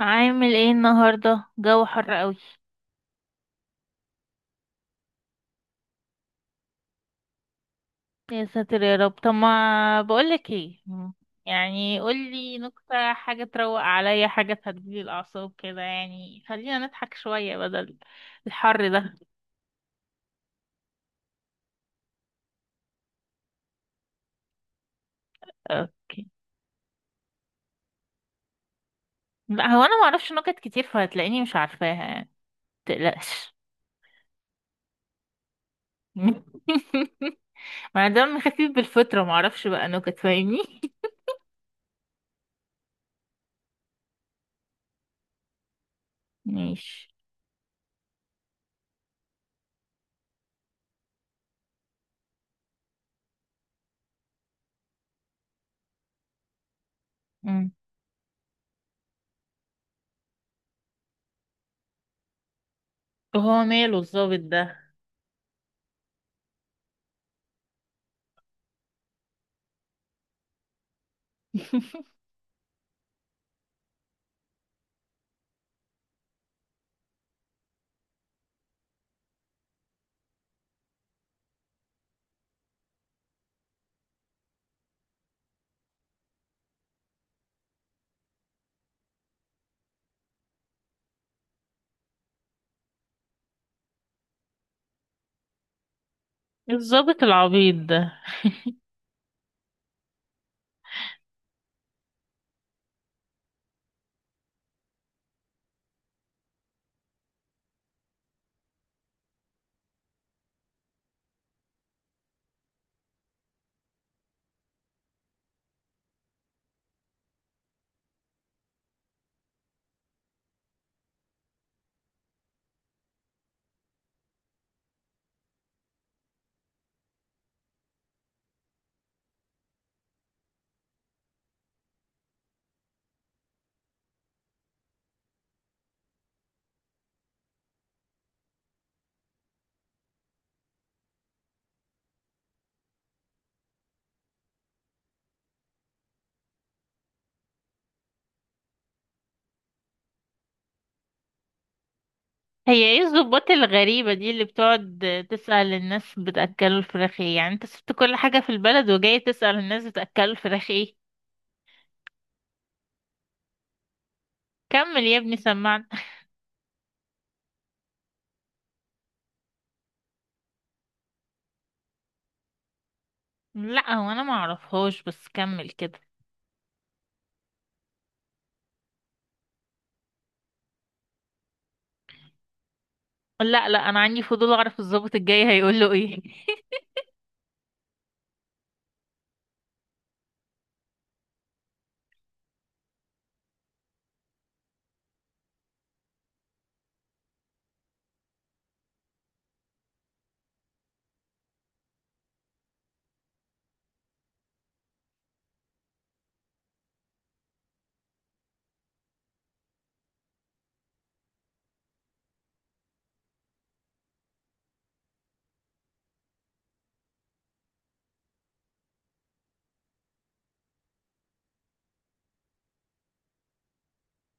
عامل ايه النهارده؟ جو حر قوي. يا ساتر يا رب، طب ما بقولك ايه، يعني قولي نكتة، حاجة تروق عليا، حاجة تهديلي الأعصاب كده، يعني خلينا نضحك شوية بدل الحر ده. اوكي. لا، هو انا معرفش نكت كتير، فهتلاقيني مش عارفاها يعني، متقلقش. ما دام خفيف بالفطرة معرفش بقى نكت، فاهمني؟ ماشي. مم. هو ماله الظابط ده؟ الظابط العبيط ده. هي ايه الضباط الغريبة دي اللي بتقعد تسأل الناس بتأكلوا الفراخ ايه؟ يعني انت سبت كل حاجة في البلد وجاي تسأل الناس بتأكلوا الفراخ ايه؟ كمل يا ابني، سمعنا. لا، هو انا ما اعرفهاش، بس كمل كده. لا لا، انا عندي فضول اعرف الضابط الجاي هيقول له ايه.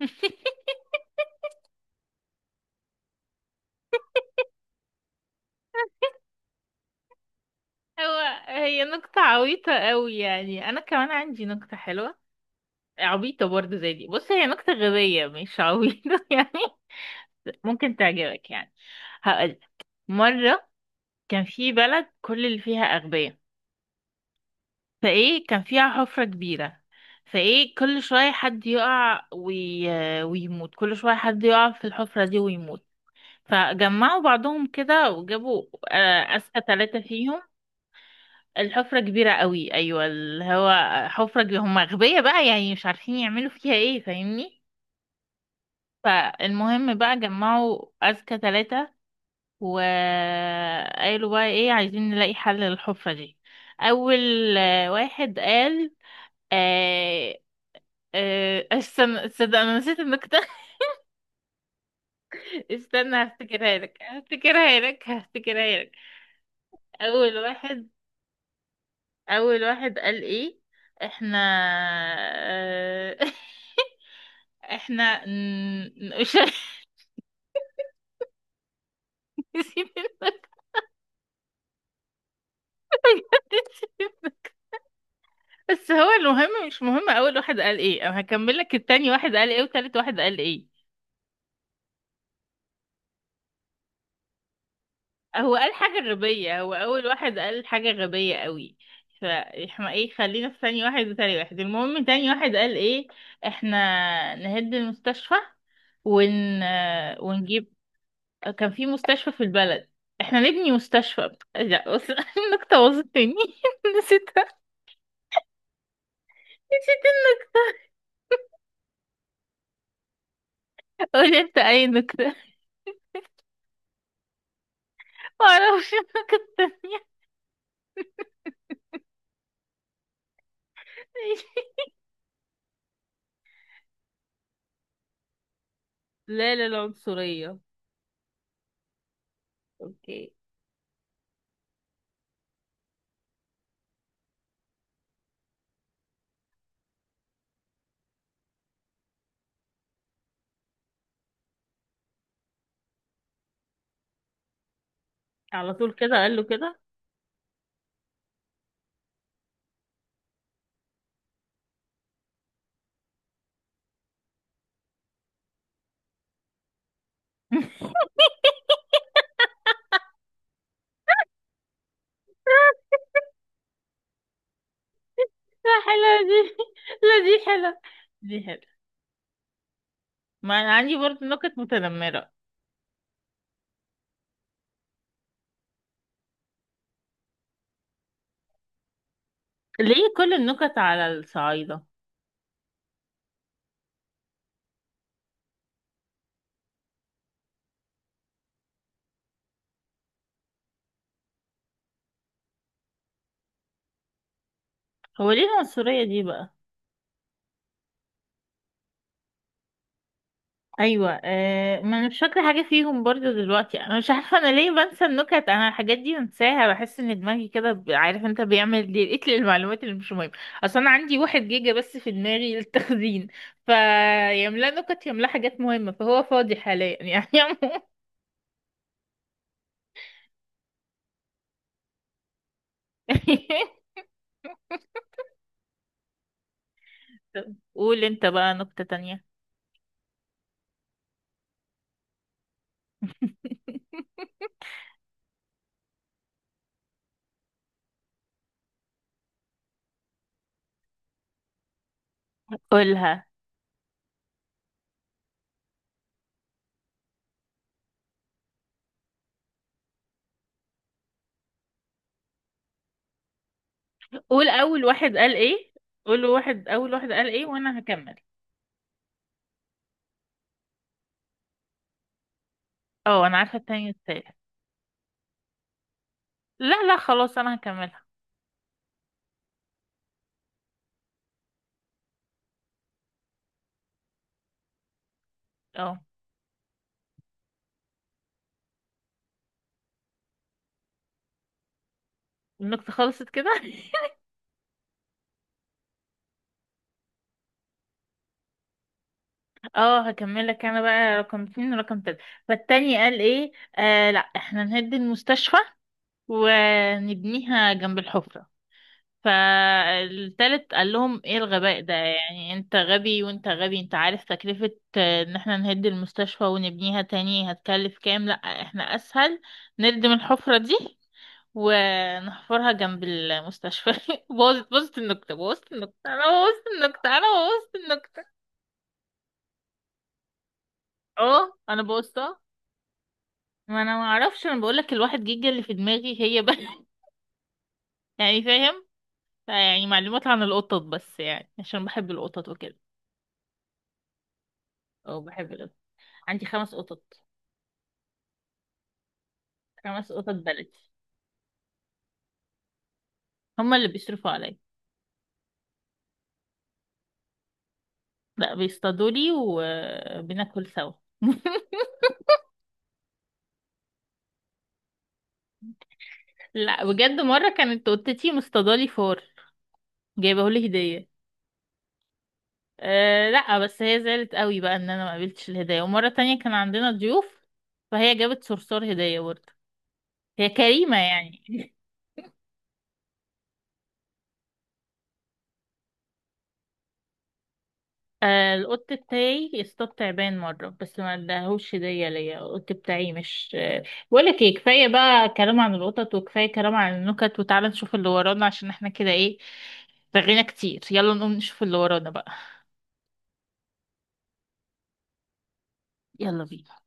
هو هي نكتة عبيطة قوي يعني، انا كمان عندي نكتة حلوة، عبيطة برضه زي دي. بص، هي نكتة غبية مش عبيطة يعني، ممكن تعجبك يعني. هقول، مرة كان في بلد كل اللي فيها أغبياء. فإيه كان فيها حفرة كبيرة، فإيه كل شوية حد يقع ويموت. كل شوية حد يقع في الحفرة دي ويموت، فجمعوا بعضهم كده وجابوا أذكى 3 فيهم. الحفرة كبيرة قوي، أيوة، اللي هو حفرة كبيرة. هم أغبياء بقى، يعني مش عارفين يعملوا فيها إيه، فاهمني؟ فالمهم بقى جمعوا أذكى 3 وقالوا بقى ايه، عايزين نلاقي حل للحفرة دي. اول واحد قال، آه استنى، تصدق انا نسيت النكتة؟ استنى هفتكرها لك هفتكرها لك هفتكرها لك. اول واحد، اول واحد قال ايه؟ احنا آه احنا مش نسيت النكتة. بس هو المهم مش مهم اول واحد قال ايه، انا هكمل لك التاني واحد قال ايه وتالت واحد قال ايه. هو قال حاجة غبية، هو أول واحد قال حاجة غبية قوي، فاحنا ايه، خلينا في ثاني واحد. وتاني واحد المهم، تاني واحد قال ايه؟ احنا نهد المستشفى ون... آه، ونجيب، كان في مستشفى في البلد، احنا نبني مستشفى. لا بص النكتة باظت مني نسيتها، نسيت. قول انت اي نكتة. معرفش النكتة التانية. لا لا، العنصرية. اوكي. على طول كده قال له كده؟ لا، حلوة دي. لا، دي حلوة. دي حلوة. ما أنا عندي برضه نكت متنمرة. ليه كل النكت على الصعايدة؟ هو ليه العنصرية دي بقى؟ أيوة، ما أنا مش فاكرة حاجة فيهم برضه دلوقتي. أنا مش عارفة أنا ليه بنسى النكت. أنا الحاجات دي بنساها، بحس إن دماغي كده عارف أنت، بيعمل ديليت للمعلومات اللي مش مهمة. أصل أنا عندي 1 جيجا بس في دماغي للتخزين، فيملا نكت يملا حاجات مهمة، فهو فاضي حاليا يعني. عموما، قول أنت بقى نكتة تانية. قولها. قول اول واحد قال ايه، قول واحد اول واحد قال ايه وانا هكمل. اه انا عارفه التاني والتالت. لا لا خلاص، انا هكملها. اه، النكتة خلصت كده؟ اه، هكمل لك انا بقى رقم 2 ورقم 3. فالتاني قال ايه؟ لا، احنا نهد المستشفى ونبنيها جنب الحفرة. فالتالت قال لهم ايه الغباء ده، يعني انت غبي وانت غبي؟ انت عارف تكلفة ان احنا نهد المستشفى ونبنيها تاني هتكلف كام؟ لا، احنا اسهل نردم الحفرة دي ونحفرها جنب المستشفى. بوظت بوظت النكتة، بوظت النكتة، انا بوظت النكتة، انا بوظت النكتة. اه انا بوظتها، ما انا ما اعرفش، انا بقولك الواحد جيجا اللي في دماغي هي بس. يعني فاهم؟ يعني معلومات عن القطط بس، يعني عشان بحب القطط وكده، او بحب القطط. عندي 5 قطط، 5 قطط بلدي. هما اللي بيصرفوا عليا. لا، بيصطادوا لي وبناكل سوا. لا بجد، مرة كانت قطتي مصطادالي فار، جايبه لي هدية. أه لا، بس هي زعلت قوي بقى ان انا ما قابلتش الهدية. ومرة تانية كان عندنا ضيوف فهي جابت صرصار هدية برضه، هي كريمة يعني. القط بتاعي اصطاد تعبان مرة بس ما اداهوش هدية ليا. القط بتاعي مش بقولك ايه، كفاية بقى كلام عن القطط، وكفاية كلام عن النكت، وتعالى نشوف اللي ورانا، عشان احنا كده ايه، رغينا كتير. يلا نقوم نشوف اللي ورانا بقى. يلا بينا.